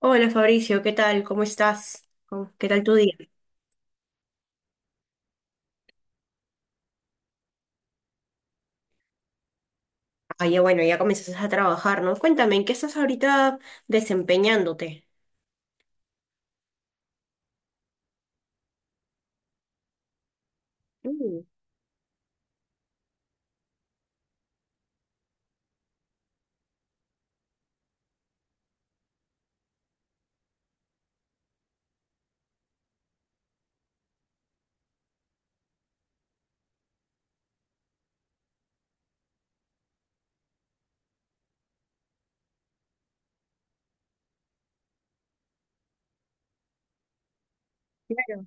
Hola Fabricio, ¿qué tal? ¿Cómo estás? ¿Qué tal tu día? Ah, ya bueno, ya comienzas a trabajar, ¿no? Cuéntame, ¿en qué estás ahorita desempeñándote? Mm, claro.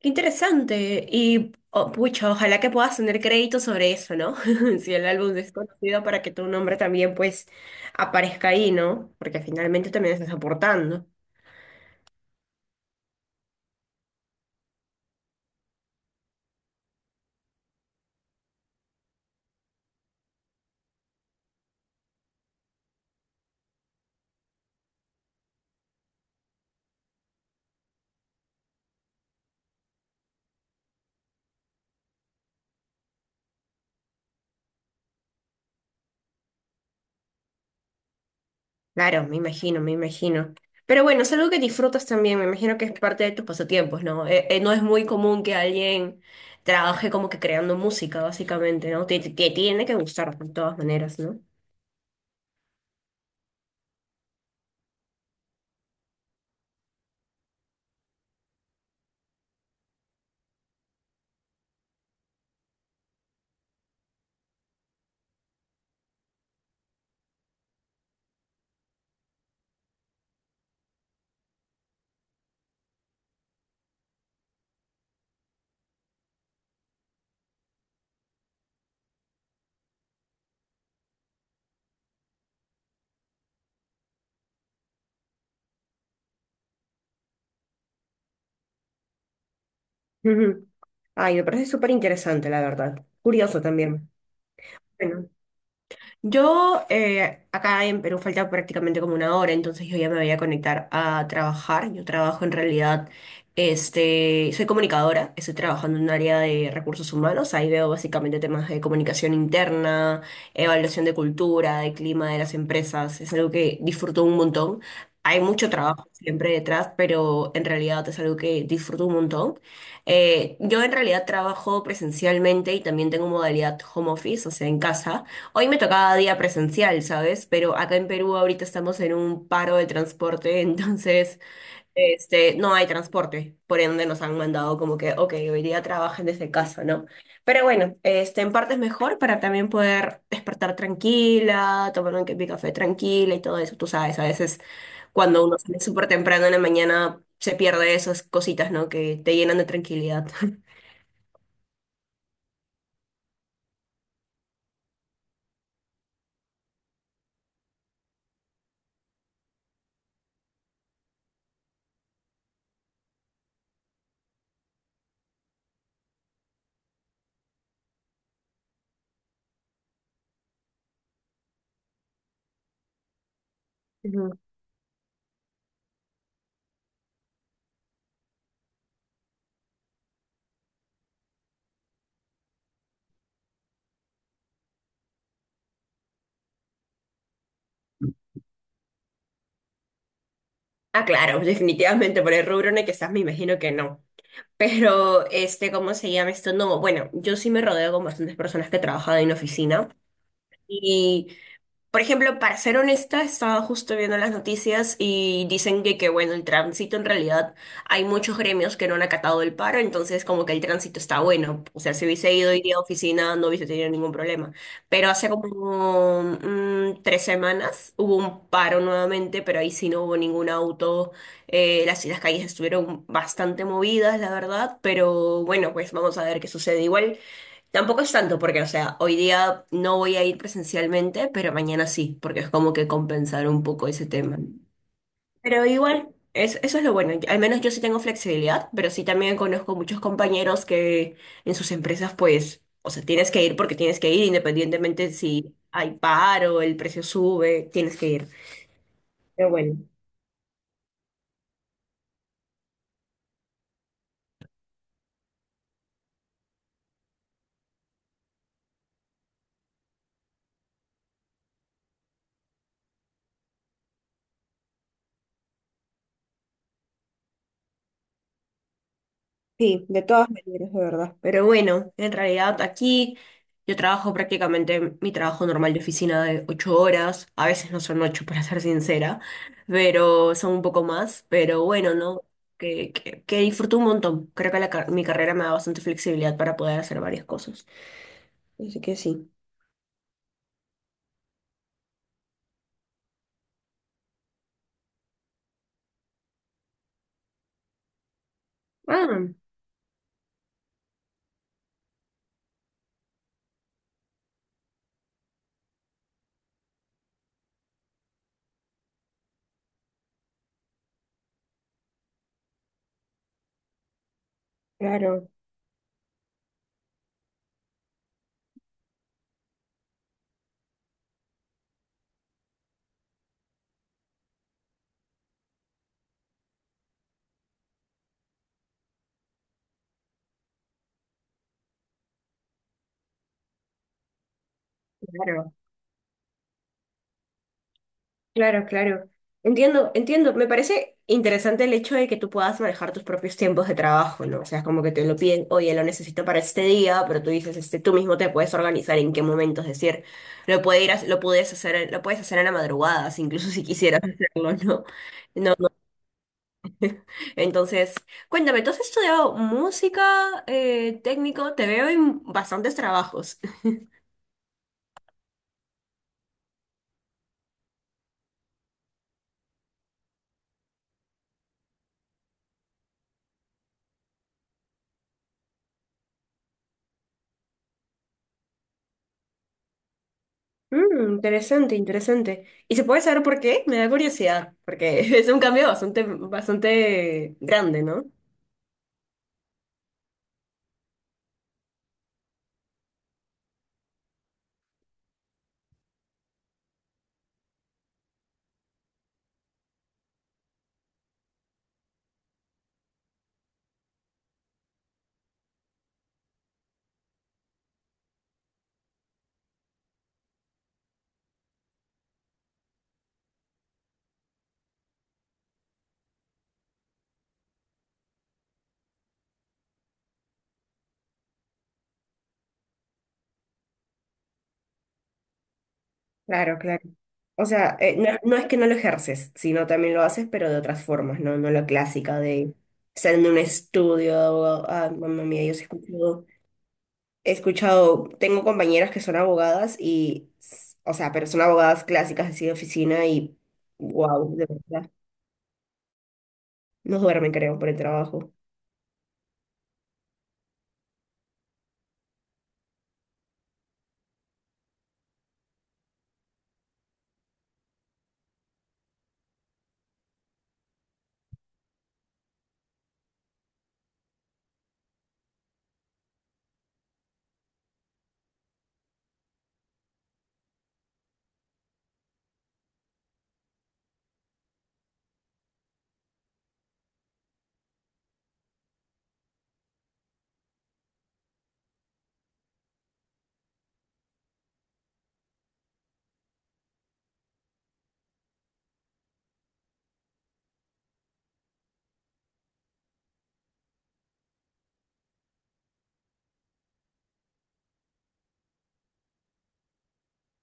Qué interesante. Y, oh, pucha, ojalá que puedas tener crédito sobre eso, ¿no? Si el álbum es conocido para que tu nombre también, pues, aparezca ahí, ¿no? Porque finalmente también estás aportando. Claro, me imagino, me imagino. Pero bueno, es algo que disfrutas también, me imagino que es parte de tus pasatiempos, ¿no? No es muy común que alguien trabaje como que creando música, básicamente, ¿no? Te tiene que gustar de todas maneras, ¿no? Ujú. Ay, me parece súper interesante, la verdad. Curioso también. Bueno. Yo acá en Perú falta prácticamente como una hora, entonces yo ya me voy a conectar a trabajar. Yo trabajo en realidad, este, soy comunicadora, estoy trabajando en un área de recursos humanos. Ahí veo básicamente temas de comunicación interna, evaluación de cultura, de clima de las empresas. Es algo que disfruto un montón. Hay mucho trabajo siempre detrás, pero en realidad es algo que disfruto un montón. Yo en realidad trabajo presencialmente y también tengo modalidad home office, o sea, en casa. Hoy me tocaba día presencial, ¿sabes? Pero acá en Perú ahorita estamos en un paro de transporte, entonces, este, no hay transporte, por ende nos han mandado como que, ok, hoy día trabajen desde casa, ¿no? Pero bueno, este, en parte es mejor para también poder despertar tranquila, tomar un mi café tranquila y todo eso, tú sabes, a veces cuando uno sale súper temprano en la mañana se pierde esas cositas, ¿no? Que te llenan de tranquilidad. Ujú. Ah, claro, definitivamente por el rubro en el que estás me imagino que no. Pero, este, ¿cómo se llama esto? No, bueno, yo sí me rodeo con bastantes personas que trabajan en oficina y por ejemplo, para ser honesta, estaba justo viendo las noticias y dicen que, bueno, el tránsito en realidad hay muchos gremios que no han acatado el paro, entonces como que el tránsito está bueno. O sea, si hubiese ido hoy día a oficina no hubiese tenido ningún problema. Pero hace como 3 semanas hubo un paro nuevamente, pero ahí sí no hubo ningún auto. Las calles estuvieron bastante movidas, la verdad, pero bueno, pues vamos a ver qué sucede. Igual. Tampoco es tanto porque, o sea, hoy día no voy a ir presencialmente, pero mañana sí, porque es como que compensar un poco ese tema. Pero igual, es, eso es lo bueno. Al menos yo sí tengo flexibilidad, pero sí también conozco muchos compañeros que en sus empresas, pues, o sea, tienes que ir porque tienes que ir, independientemente si hay paro, el precio sube, tienes que ir. Pero bueno. Sí, de todas maneras, de verdad. Pero bueno, en realidad aquí yo trabajo prácticamente mi trabajo normal de oficina de 8 horas. A veces no son ocho, para ser sincera, pero son un poco más. Pero bueno, ¿no? Que disfruto un montón. Creo que la mi carrera me da bastante flexibilidad para poder hacer varias cosas. Así que sí. Ah, claro, claro. Claro, claro. Entiendo, entiendo. Me parece interesante el hecho de que tú puedas manejar tus propios tiempos de trabajo, ¿no? O sea, es como que te lo piden, oye, lo necesito para este día, pero tú dices, este, tú mismo te puedes organizar en qué momentos, es decir, lo puedes hacer en la madrugada, si incluso si quisieras hacerlo, ¿no? No, no. Entonces, cuéntame, ¿tú has estudiado música, técnico? Te veo en bastantes trabajos. Mm, interesante, interesante. ¿Y se puede saber por qué? Me da curiosidad, porque es un cambio bastante, bastante grande, ¿no? Claro, claro. O sea, no, no es que no lo ejerces, sino también lo haces, pero de otras formas, ¿no? No la clásica de estar en un estudio de abogado. Ah, mamá mía, yo sí he escuchado, tengo compañeras que son abogadas y, o sea, pero son abogadas clásicas así de oficina y, wow, de verdad, no duermen, creo, por el trabajo.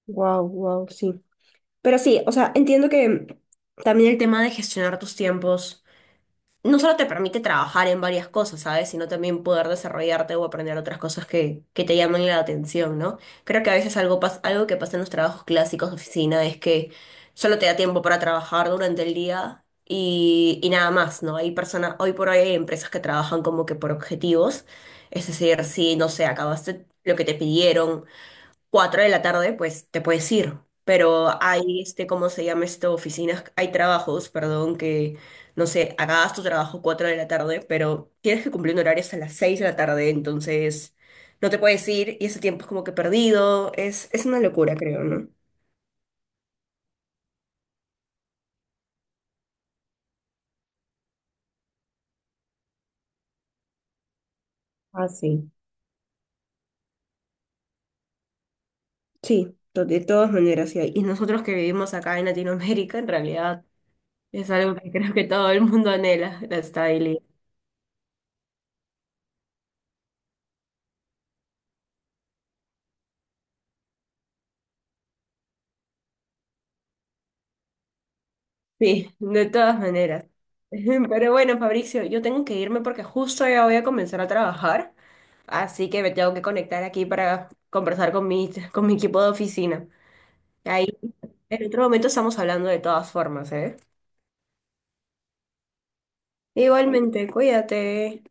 Wow, wow, sí. Pero sí, o sea, entiendo que también el tema de gestionar tus tiempos no solo te permite trabajar en varias cosas, ¿sabes? Sino también poder desarrollarte o aprender otras cosas que te llaman la atención, ¿no? Creo que a veces algo, algo que pasa en los trabajos clásicos de oficina es que solo te da tiempo para trabajar durante el día y nada más, ¿no? Hay personas, hoy por hoy hay empresas que trabajan como que por objetivos, es decir, si, no sé, acabaste lo que te pidieron 4 de la tarde, pues te puedes ir. Pero hay, este, ¿cómo se llama esto? Oficinas, hay trabajos, perdón, que, no sé, acabas tu trabajo 4 de la tarde, pero tienes que cumplir un horario hasta las 6 de la tarde, entonces no te puedes ir y ese tiempo es como que perdido. Es una locura, creo, ¿no? Ah, sí. De todas maneras, sí. Y nosotros que vivimos acá en Latinoamérica, en realidad es algo que creo que todo el mundo anhela, la estabilidad. Sí, de todas maneras. Pero bueno, Fabricio, yo tengo que irme porque justo ya voy a comenzar a trabajar, así que me tengo que conectar aquí para conversar con con mi equipo de oficina. Ahí en otro momento estamos hablando de todas formas, ¿eh? Igualmente, cuídate.